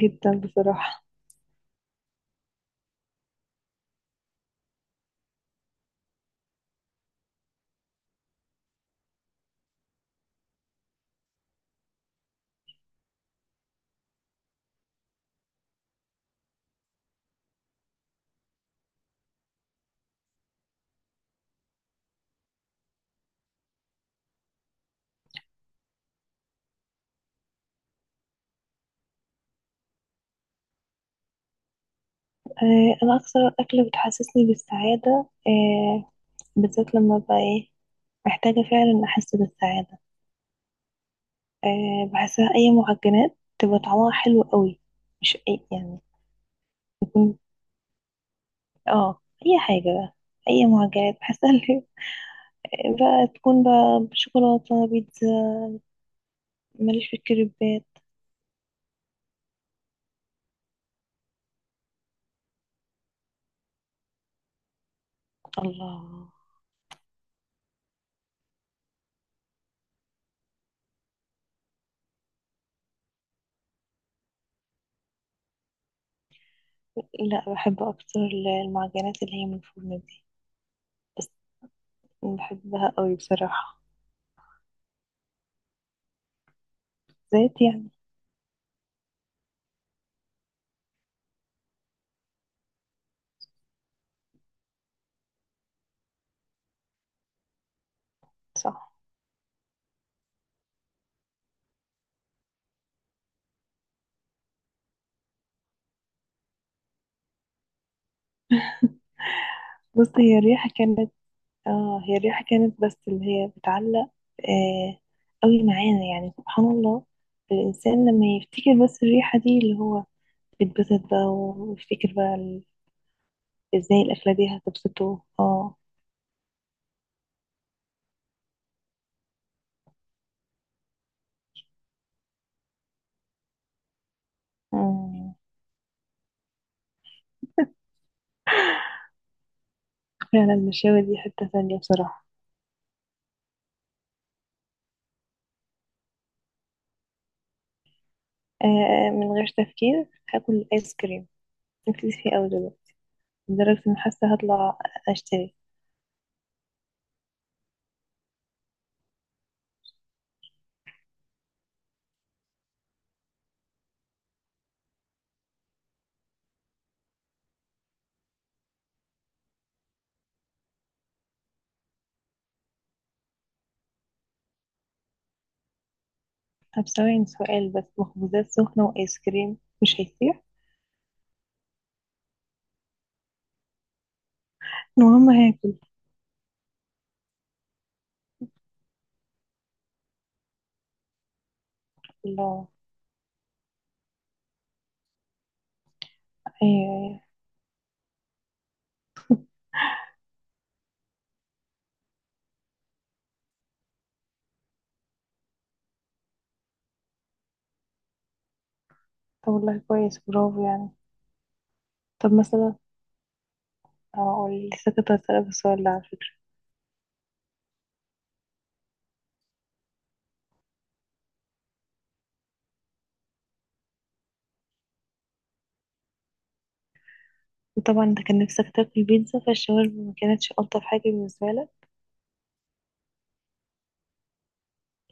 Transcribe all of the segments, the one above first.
جدا بصراحة. أنا أكثر أكلة بتحسسني بالسعادة، بالذات لما أبقى إيه، محتاجة فعلا أحس بالسعادة. بحسها أي معجنات تبقى طعمها حلو قوي، مش أي يعني. يكون أي حاجة بقى، أي معجنات بحسها اللي بقى تكون بقى بشوكولاتة بيتزا. ماليش في الكريبات. الله. لا بحب أكتر المعجنات اللي هي من الفرن دي، بس بحبها قوي بصراحة. زيت يعني. صح. بص هي الريحة كانت، اه هي الريحة كانت بس اللي هي بتعلق آه قوي معانا يعني سبحان الله. الإنسان لما يفتكر بس الريحة دي اللي هو بيتبسط بقى ويفتكر بقى ازاي الأكلة دي هتبسطه. اه. آه، فعلا المشاوي دي حتة تانية بصراحة. من غير تفكير هاكل آيس كريم، نفسي فيه أوي دلوقتي، لدرجة إن حاسة هطلع أشتري. طب ثواني سؤال بس، مخبوزات سخنة وآيس كريم مش هيصير؟ المهم هاكل. الله. أيوه. طب والله كويس برافو يعني. طب مثلا اقول، لسه كنت هسألك السؤال ده على فكرة. وطبعا انت كان نفسك تاكل بيتزا، فالشاورما ما كانتش ألطف حاجة بالنسبة لك.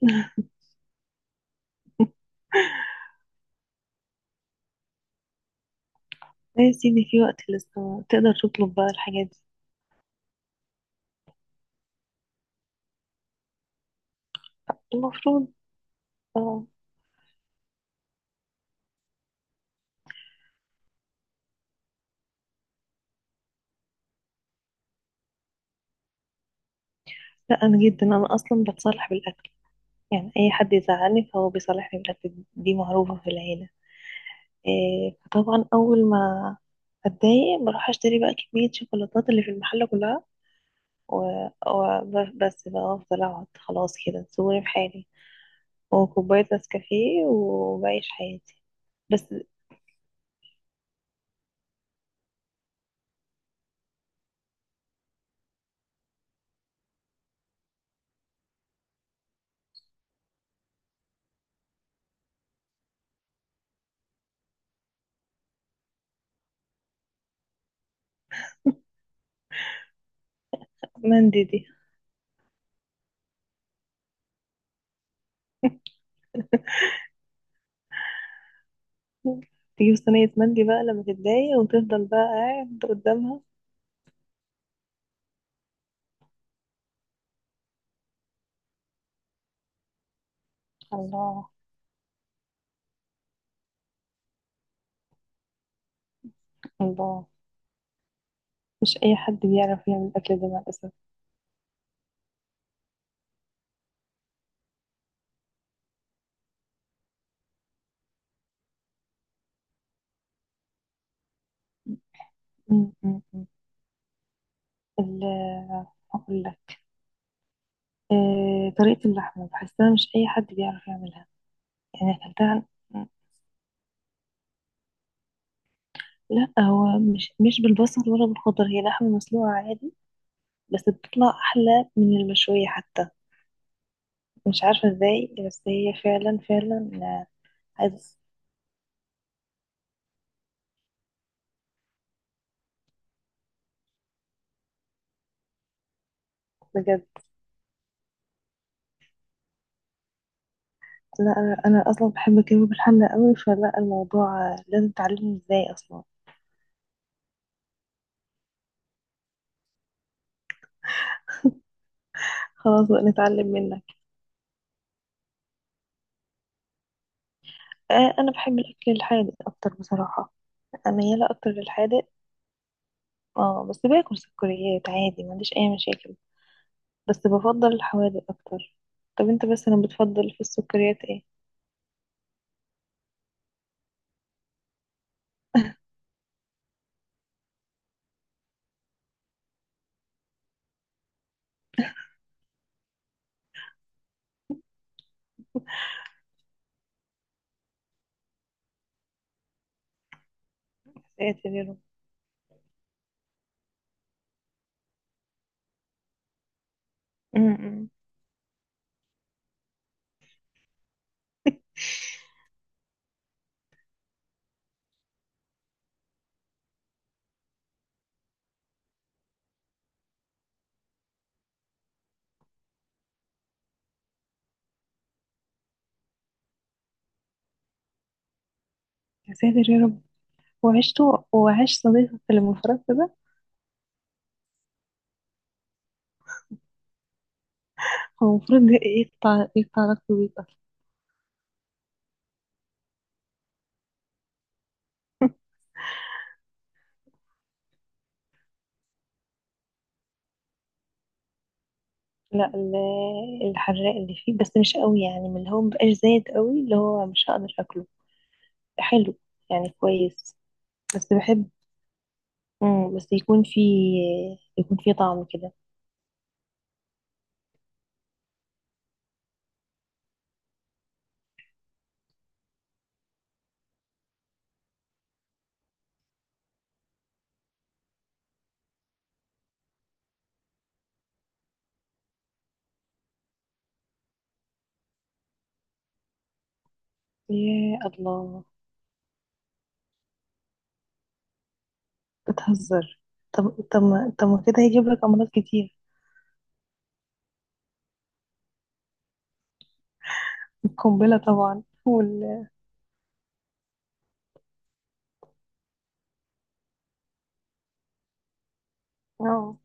بس ان في وقت لسه تقدر تطلب بقى الحاجات دي. المفروض. اه. لا انا جدا، انا اصلا بتصالح بالاكل، يعني اي حد يزعلني فهو بيصالحني بالاكل، دي معروفة في العيلة. إيه فطبعا اول ما اتضايق بروح اشتري بقى كمية شوكولاتات اللي في المحل كلها. وبس بقى افضل اقعد خلاص كده صوري في حالي، وكوباية نسكافيه وبعيش حياتي. بس. مندي دي؟ تجيب صينية مندي بقى لما تتضايق وتفضل بقى قاعد قدامها. الله. الله. مش أي حد بيعرف يعمل الأكل ده مع الأسف. م- م- م. ال هقول لك، طريقة اللحمة بحسها مش أي حد بيعرف يعملها. يعني أكلتها، لا هو مش بالبصل ولا بالخضر، هي لحمة مسلوقة عادي بس بتطلع أحلى من المشوية حتى. مش عارفة ازاي، بس هي فعلا عز. بجد. لا أنا أصلا بحب الكباب الحلة قوي، فلا الموضوع لازم تعلمني ازاي أصلا. خلاص بقى نتعلم منك. أنا بحب الأكل الحادق أكتر بصراحة، ميالة أكتر للحادق. اه بس باكل سكريات عادي، ما عنديش أي مشاكل، بس بفضل الحوادق أكتر. طب انت بس أنا بتفضل في السكريات ايه؟ يا ساتر يا رب. م- م. يا ساتر يا رب. وعشت، وعاش صديقك اللي من فرنسا ده. هو المفروض ده يقطع يقطع علاقته بيك أصلا. لا الحراق اللي فيه بس مش قوي يعني، من اللي هو مبقاش زايد قوي اللي هو مش هقدر أكله. حلو يعني، كويس. بس بحب، بس يكون فيه، يكون فيه طعم كده. يا الله. بتهزر؟ طب طب طب ما كده هيجيب لك أمراض كتير. القنبلة طبعا اه.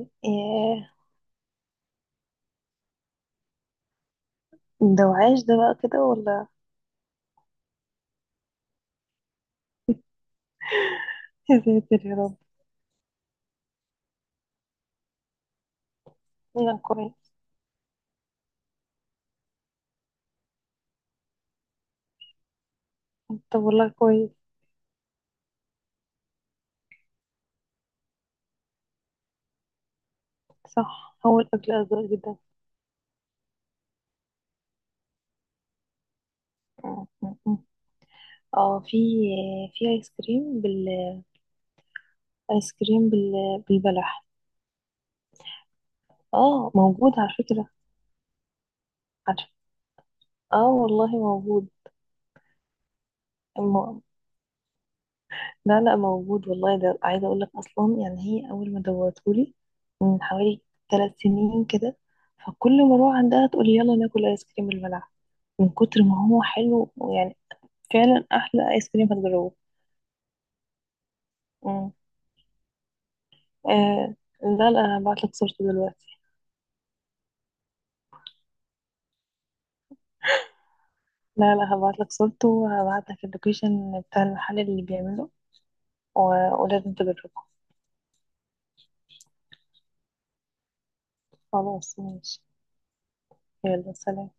ياه. ده وعاش ده بقى كده ولا؟ يا ساتر يا رب. يا القرآن. طب والله كويس. صح هو الأكل أزرق جدا. م- م- م. اه في، في ايس كريم بالايس كريم بالبلح. اه موجود على فكرة. عارفة. اه والله موجود. الم... لا لا موجود والله، ده عايزة أقول لك أصلا، يعني هي أول ما دوتهولي من حوالي 3 سنين كده، فكل ما أروح عندها تقولي يلا ناكل آيس كريم بالبلح. من كتر ما هو حلو ويعني فعلا أحلى آيس كريم هتجربه. مم. آه لا لا، أنا هبعتلك صورته دلوقتي. لا لا هبعت لك صورته، وهبعت لك اللوكيشن بتاع المحل اللي بيعمله، و... ولازم تجربه. خلاص ماشي. يلا سلام.